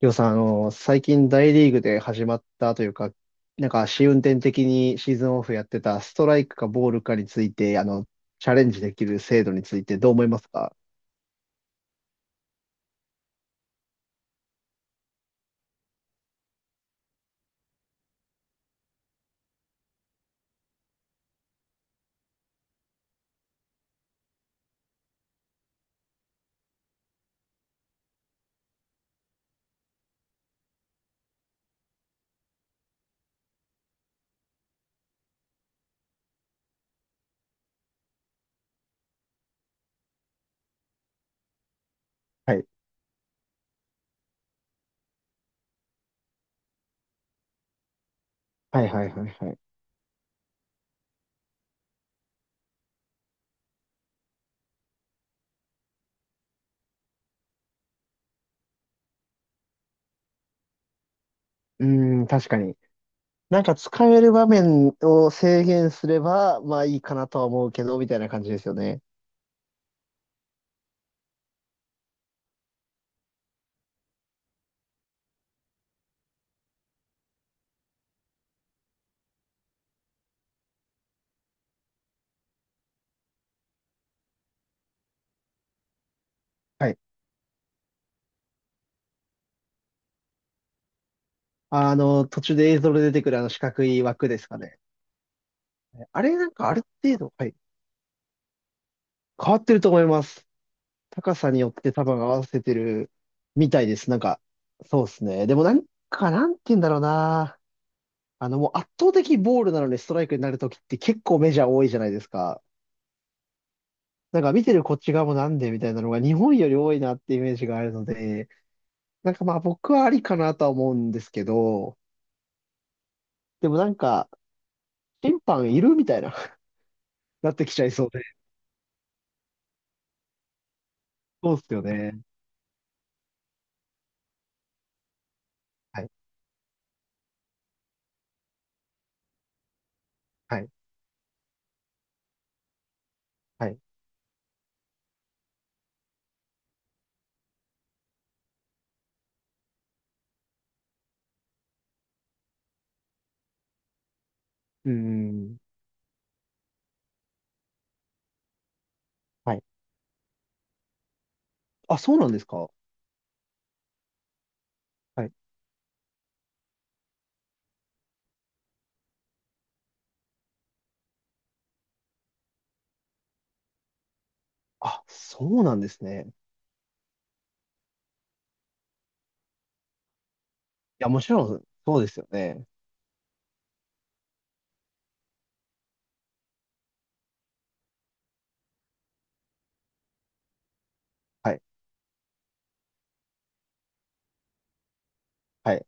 りょうさん、最近大リーグで始まったというか、なんか試運転的にシーズンオフやってたストライクかボールかについて、チャレンジできる制度についてどう思いますか？はい。はいはいはいはい。うーん、確かに。なんか使える場面を制限すれば、まあいいかなとは思うけど、みたいな感じですよね。はい。途中で映像で出てくるあの四角い枠ですかね？あれなんかある程度、はい。変わってると思います。高さによって多分合わせてるみたいです。なんか、そうですね。でもなんか、なんて言うんだろうな。もう圧倒的ボールなのにストライクになるときって結構メジャー多いじゃないですか。なんか見てるこっち側もなんでみたいなのが日本より多いなってイメージがあるので、なんかまあ僕はありかなとは思うんですけど、でもなんか、審判いるみたいな、なってきちゃいそうで。そうっすよね。はい、はい、はい。うーん。はい。あ、そうなんですか。はい。あ、そうなんですね。や、もちろん、そうですよね。はい。はい。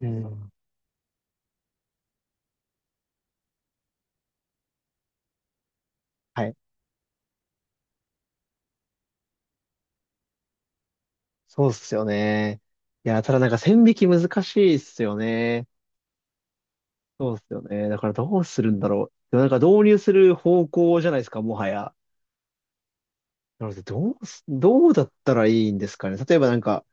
うん。はい。そうっすよね。いや、ただなんか線引き難しいっすよね。そうっすよね。だからどうするんだろう。でもなんか導入する方向じゃないですか、もはや。なので、どうだったらいいんですかね。例えばなんか、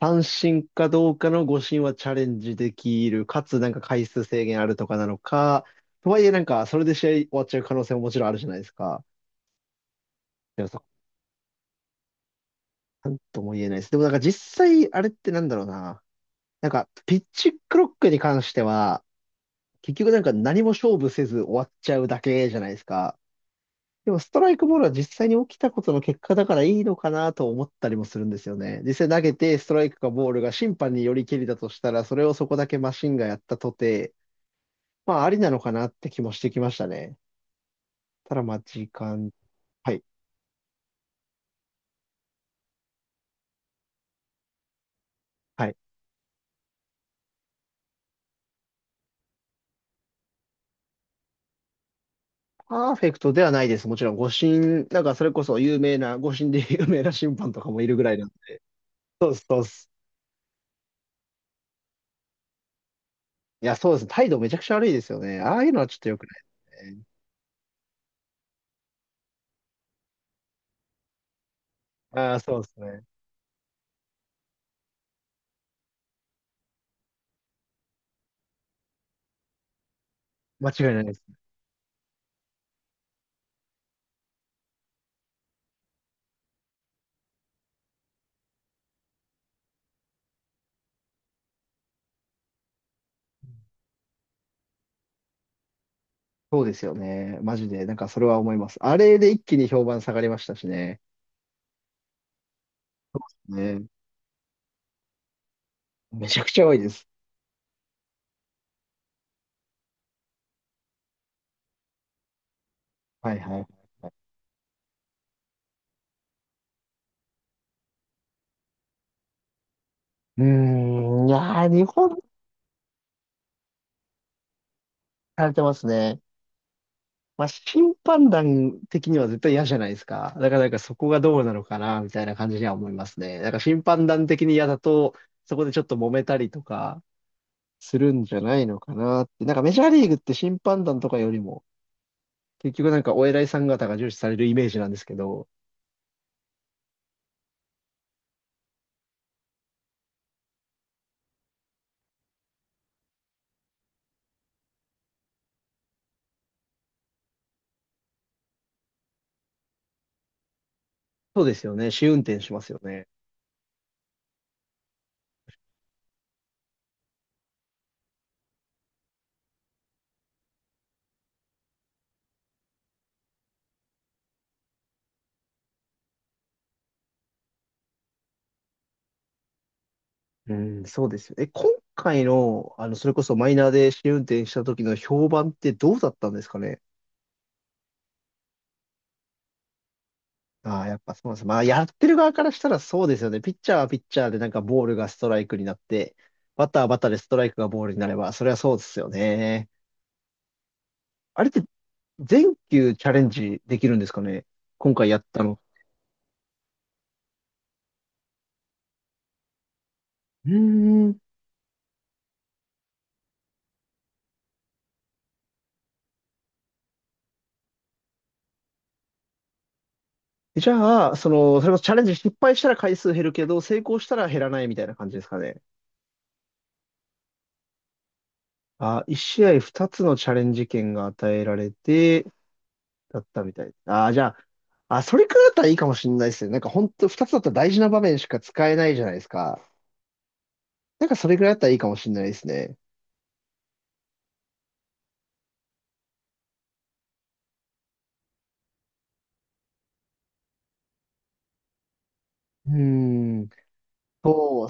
三振かどうかの五振はチャレンジできる。かつなんか回数制限あるとかなのか。とはいえなんか、それで試合終わっちゃう可能性ももちろんあるじゃないですか。なんとも言えないです。でもなんか実際、あれってなんだろうな。なんか、ピッチクロックに関しては、結局なんか何も勝負せず終わっちゃうだけじゃないですか。でもストライクボールは実際に起きたことの結果だからいいのかなと思ったりもするんですよね。実際投げてストライクかボールが審判によりけりだとしたら、それをそこだけマシンがやったとて、まあありなのかなって気もしてきましたね。ただまあ時間。はい。はい。パーフェクトではないです。もちろん、誤審、なんかそれこそ有名な、誤審で 有名な審判とかもいるぐらいな。そうです、そうです。いや、そうです。態度めちゃくちゃ悪いですよね。ああいうのはちょっと良くないね。ああ、そうですね。間違いないです。そうですよね。マジで、なんかそれは思います。あれで一気に評判下がりましたしね。ね。めちゃくちゃ多いです。はいはい。うーん、いやー、日本、されてますね。まあ、審判団的には絶対嫌じゃないですか。だからなんかそこがどうなのかな、みたいな感じには思いますね。だから審判団的に嫌だと、そこでちょっと揉めたりとかするんじゃないのかなって。なんかメジャーリーグって審判団とかよりも、結局なんかお偉いさん方が重視されるイメージなんですけど、そうですよね。試運転しますよね。うん、そうですよね。今回の、それこそマイナーで試運転した時の評判ってどうだったんですかね？ああ、やっぱそうです。まあ、やってる側からしたらそうですよね。ピッチャーはピッチャーでなんかボールがストライクになって、バッターはバッターでストライクがボールになれば、それはそうですよね。あれって全球チャレンジできるんですかね、今回やったの。うーん。じゃあ、それこそチャレンジ失敗したら回数減るけど、成功したら減らないみたいな感じですかね。あ、1試合2つのチャレンジ権が与えられて、だったみたい。ああ、じゃあ、あ、それくらいだったらいいかもしれないですね。なんか本当二つだったら大事な場面しか使えないじゃないですか。なんかそれくらいだったらいいかもしれないですね。うーん。そう。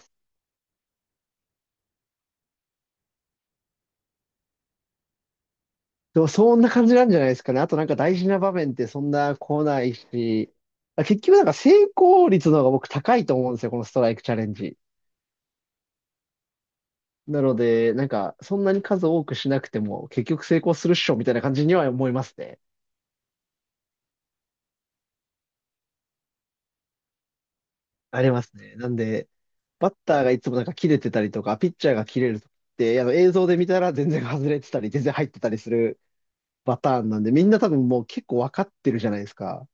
でもそんな感じなんじゃないですかね。あとなんか大事な場面ってそんな来ないし。あ、結局なんか成功率の方が僕高いと思うんですよ。このストライクチャレンジ。なので、なんかそんなに数多くしなくても結局成功するっしょみたいな感じには思いますね。ありますね。なんで、バッターがいつもなんか切れてたりとか、ピッチャーが切れるときって、あの映像で見たら全然外れてたり、全然入ってたりするパターンなんで、みんな多分もう結構わかってるじゃないですか。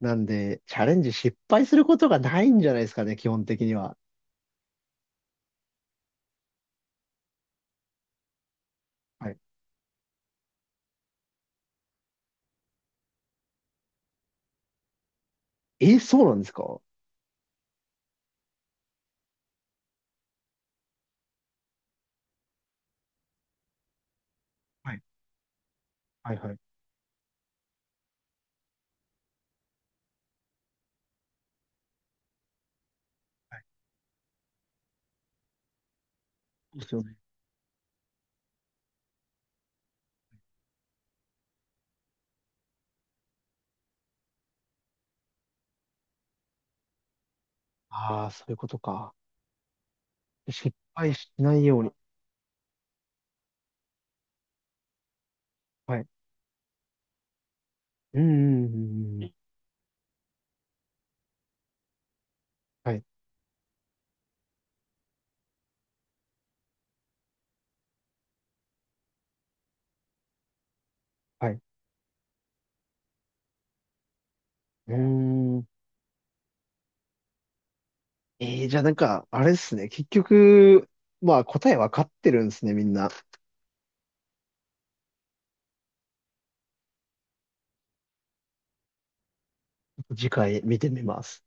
なんで、チャレンジ失敗することがないんじゃないですかね、基本的には。はい。え、そうなんですか？はい。はい。はい。はい。そうですよね。ああー、そういうことか。失敗しないように。はい。うん、うん、うんうん。はい、はい。うーん。じゃあなんか、あれですね。結局、まあ答えわかってるんですね、みんな。次回見てみます。